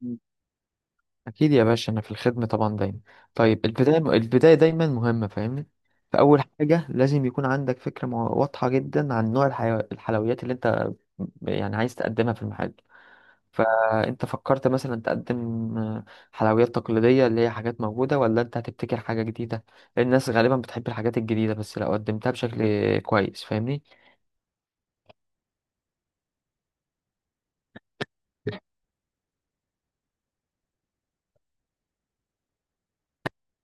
مم. أكيد يا باشا، أنا في الخدمة طبعا دايما. طيب، البداية دايما مهمة، فاهمني؟ فأول حاجة لازم يكون عندك فكرة واضحة جدا عن نوع الحلويات اللي أنت يعني عايز تقدمها في المحل. فأنت فكرت مثلا تقدم حلويات تقليدية اللي هي حاجات موجودة، ولا أنت هتبتكر حاجة جديدة؟ الناس غالبا بتحب الحاجات الجديدة، بس لو قدمتها بشكل كويس، فاهمني؟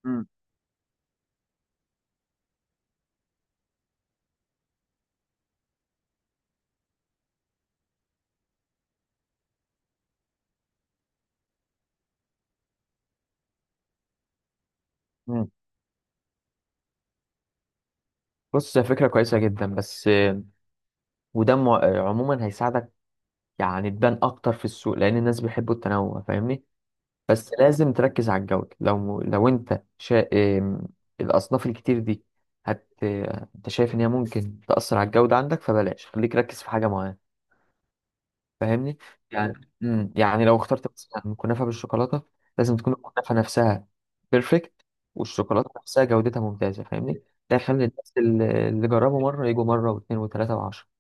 مم. مم. بص، هي فكرة كويسة جدا، بس وده عموما هيساعدك يعني تبان اكتر في السوق، لان الناس بيحبوا التنوع، فاهمني؟ بس لازم تركز على الجودة. لو انت شا... إم، الاصناف الكتير دي هت انت شايف ان هي ممكن تأثر على الجودة عندك، فبلاش، خليك ركز في حاجة معينة، فاهمني؟ يعني يعني لو اخترت مثلا كنافة بالشوكولاتة، لازم تكون الكنافة نفسها بيرفكت، والشوكولاتة نفسها جودتها ممتازة، فاهمني؟ ده يخلي الناس اللي جربوا مرة يجوا مرة واثنين وثلاثة وعشرة.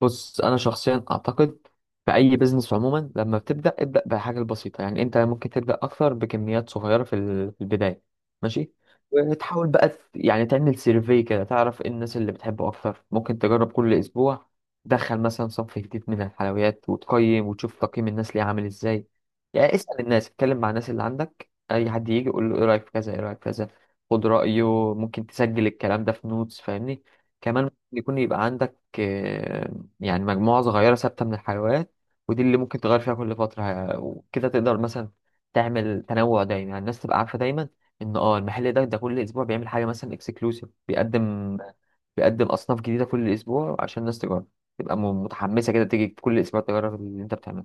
بص، انا شخصيا اعتقد في اي بيزنس عموما لما بتبدا ابدا بحاجه بسيطه، يعني انت ممكن تبدا اكتر بكميات صغيره في في البدايه. ماشي؟ وتحاول بقى يعني تعمل سيرفي كده، تعرف ايه الناس اللي بتحبه اكتر. ممكن تجرب كل اسبوع تدخل مثلا صنف جديد من الحلويات، وتقيم وتشوف تقييم الناس ليه عامل ازاي. يعني اسال الناس، اتكلم مع الناس اللي عندك، اي حد يجي قول له ايه رايك في كذا، ايه رايك في كذا، خد رايه. ممكن تسجل الكلام ده في نوتس، فاهمني؟ كمان ممكن يكون يبقى عندك يعني مجموعة صغيرة ثابتة من الحيوانات، ودي اللي ممكن تغير فيها كل فترة وكده تقدر مثلا تعمل تنوع دايما. يعني الناس تبقى عارفة دايما إن اه المحل ده كل أسبوع بيعمل حاجة مثلا اكسكلوسيف، بيقدم بيقدم أصناف جديدة كل أسبوع عشان الناس تجرب، تبقى متحمسة كده تيجي كل أسبوع تجرب اللي أنت بتعمله.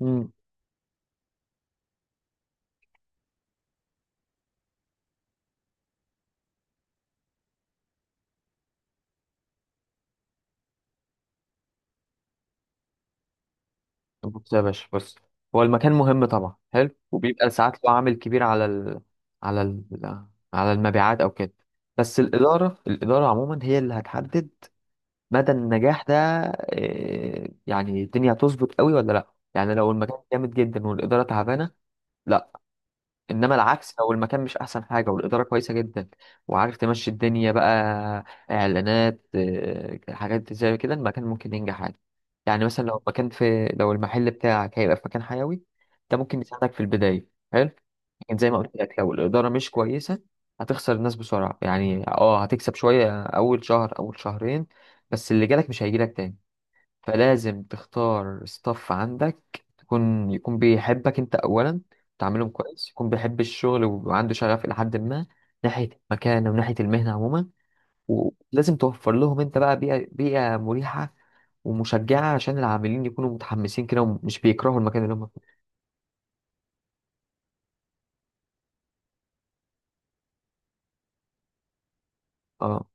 امم. بص يا باشا، بص، هو المكان مهم طبعا، حلو، وبيبقى ساعات له عامل كبير على ال... على ال... على المبيعات أو كده. بس الإدارة، الإدارة عموما هي اللي هتحدد مدى النجاح ده، يعني الدنيا هتظبط قوي ولا لا. يعني لو المكان جامد جدا والإدارة تعبانة، لا. انما العكس، لو المكان مش احسن حاجه والاداره كويسه جدا وعارف تمشي الدنيا بقى، اعلانات حاجات زي كده، المكان ممكن ينجح عادي. يعني مثلا لو المكان في، لو المحل بتاعك هيبقى في مكان حيوي، ده ممكن يساعدك في البدايه، حلو. لكن زي ما قلت لك، لو الاداره مش كويسه، هتخسر الناس بسرعه، يعني اه هتكسب شويه اول شهر اول شهرين، بس اللي جالك مش هيجيلك تاني. فلازم تختار ستاف عندك، يكون بيحبك انت اولا، تعاملهم كويس، يكون بيحب الشغل وعنده شغف الى حد ما ناحيه المكان وناحيه المهنه عموما. ولازم توفر لهم انت بقى بيئه مريحه ومشجعه، عشان العاملين يكونوا متحمسين كده ومش بيكرهوا المكان اللي هم فيه. اه.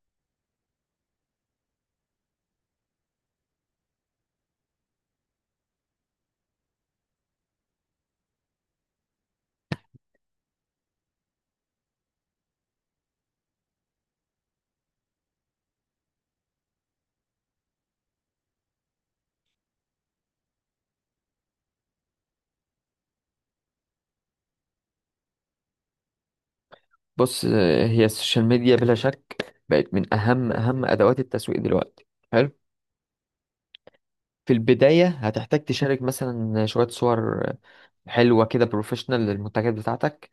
بص، هي السوشيال ميديا بلا شك بقت من اهم ادوات التسويق دلوقتي، حلو. في البداية هتحتاج تشارك مثلا شوية صور حلوة كده بروفيشنال للمنتجات بتاعتك،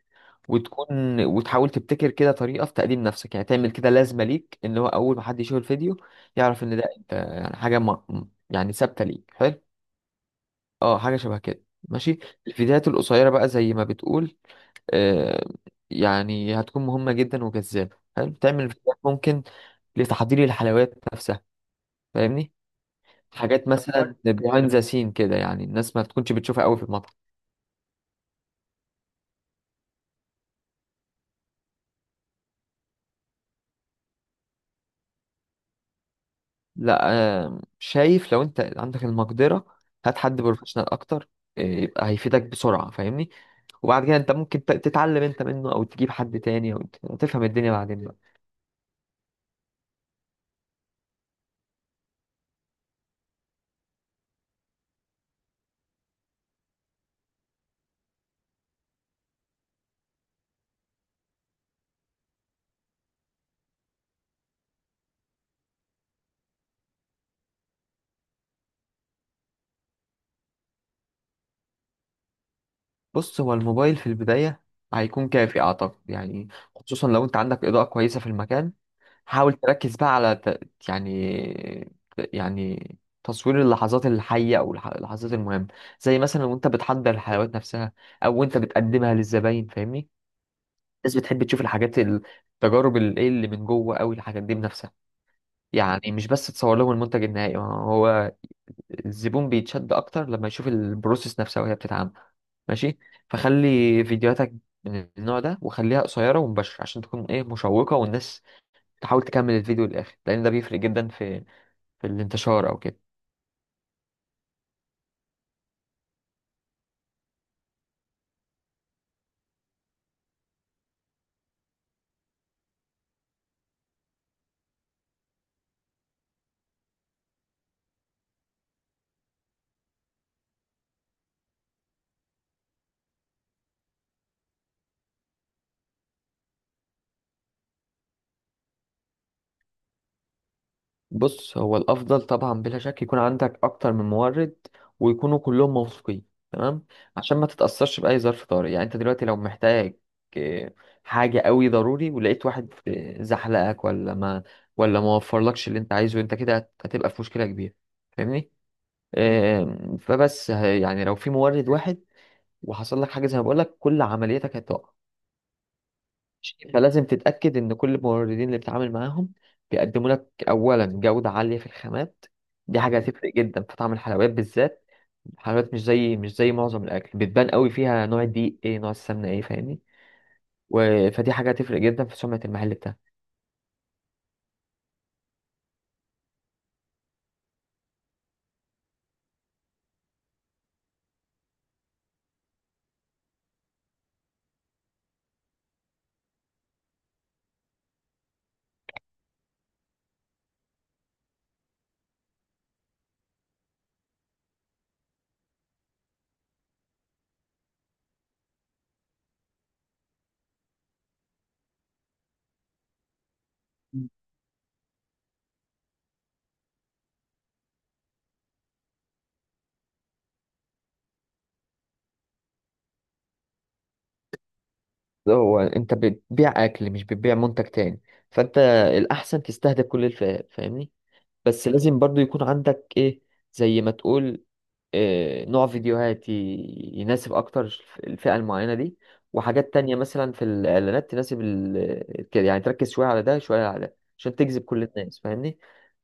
وتكون وتحاول تبتكر كده طريقة في تقديم نفسك. يعني تعمل كده لازمة ليك، ان هو اول ما حد يشوف الفيديو يعرف ان ده انت، يعني حاجة ما، يعني ثابتة ليك، حلو. اه حاجة شبه كده، ماشي. الفيديوهات القصيرة بقى، زي ما بتقول، آه، يعني هتكون مهمة جدا وجذابة، حلو. تعمل فيديوهات ممكن لتحضير الحلويات نفسها، فاهمني؟ حاجات مثلا بيهايند ذا سين كده، يعني الناس ما تكونش بتشوفها قوي في المطعم. لا، شايف لو انت عندك المقدرة، هات حد بروفيشنال اكتر، يبقى هيفيدك بسرعة، فاهمني؟ وبعد كده انت ممكن تتعلم انت منه، او تجيب حد تاني، او تفهم الدنيا بعدين بقى. بص، هو الموبايل في البداية هيكون كافي اعتقد، يعني خصوصا لو انت عندك اضاءة كويسة في المكان. حاول تركز بقى على ت... يعني، يعني تصوير اللحظات الحية، او اللحظات المهمة، زي مثلا وانت بتحضر الحلويات نفسها، او وانت بتقدمها للزباين، فاهمني؟ الناس بتحب تشوف الحاجات، التجارب، الايه، اللي من جوه قوي، الحاجات دي بنفسها. يعني مش بس تصور لهم المنتج النهائي، هو الزبون بيتشد اكتر لما يشوف البروسيس نفسها وهي بتتعمل، ماشي. فخلي فيديوهاتك من النوع ده، وخليها قصيرة ومباشرة عشان تكون ايه مشوقة، والناس تحاول تكمل الفيديو للآخر، لأن ده بيفرق جدا في في الانتشار أو كده. بص، هو الافضل طبعا بلا شك يكون عندك اكتر من مورد، ويكونوا كلهم موثوقين، تمام. عشان ما تتاثرش باي ظرف طارئ. يعني انت دلوقتي لو محتاج آه، حاجه قوي ضروري، ولقيت واحد زحلقك ولا ما وفرلكش اللي انت عايزه، انت كده هتبقى في مشكله كبيره، فاهمني؟ فبس يعني لو في مورد واحد وحصل لك حاجه زي ما بقول لك، كل عملياتك هتقع. فلازم تتأكد إن كل الموردين اللي بتتعامل معاهم بيقدموا لك أولا جودة عالية في الخامات، دي حاجة هتفرق جدا في طعم الحلويات. بالذات الحلويات، مش زي، مش زي معظم الأكل، بتبان قوي فيها نوع الدقيق إيه، نوع السمنة إيه، فاهمني؟ و... فدي حاجة هتفرق جدا في سمعة المحل بتاعك. هو أنت بتبيع أكل، مش بتبيع منتج تاني، فأنت الأحسن تستهدف كل الفئات، فاهمني؟ بس لازم برضو يكون عندك ايه، زي ما تقول، إيه نوع فيديوهات يناسب اكتر الفئة المعينة دي، وحاجات تانية مثلا في الاعلانات تناسب ال... كده. يعني تركز شوية على ده شوية على ده، عشان تجذب كل الناس، فاهمني؟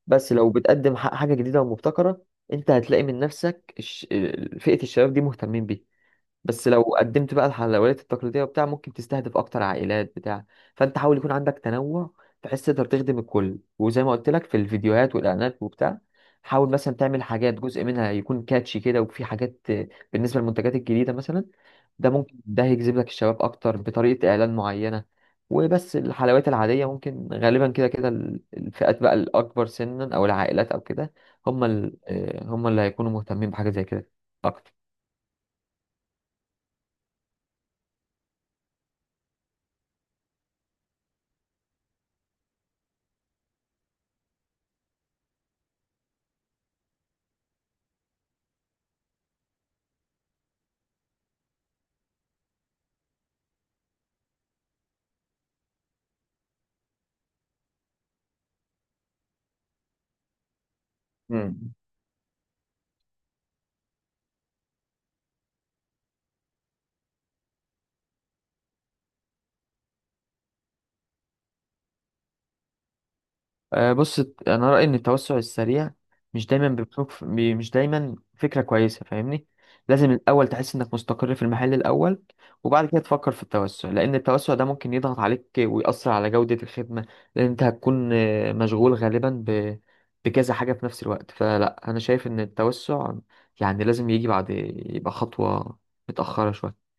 بس لو بتقدم حاجة جديدة ومبتكرة، انت هتلاقي من نفسك الش... فئة الشباب دي مهتمين بيها. بس لو قدمت بقى الحلويات التقليدية وبتاع، ممكن تستهدف أكتر عائلات بتاع فأنت حاول يكون عندك تنوع، بحيث تقدر تخدم الكل. وزي ما قلت لك في الفيديوهات والإعلانات وبتاع، حاول مثلا تعمل حاجات جزء منها يكون كاتشي كده، وفي حاجات، بالنسبة للمنتجات الجديدة مثلا، ده ممكن هيجذب لك الشباب أكتر بطريقة إعلان معينة. وبس الحلويات العادية ممكن غالبا كده كده الفئات بقى الأكبر سنا، أو العائلات أو كده، هم هم اللي هيكونوا مهتمين بحاجة زي كده أكتر. بص، انا رايي ان التوسع السريع مش دايما فكره كويسه، فاهمني؟ لازم الاول تحس انك مستقر في المحل الاول، وبعد كده تفكر في التوسع، لان التوسع ده ممكن يضغط عليك ويأثر على جوده الخدمه، لان انت هتكون مشغول غالبا ب... بكذا حاجه في نفس الوقت. فلا، انا شايف ان التوسع يعني لازم يجي بعد، يبقى خطوه متاخره شويه.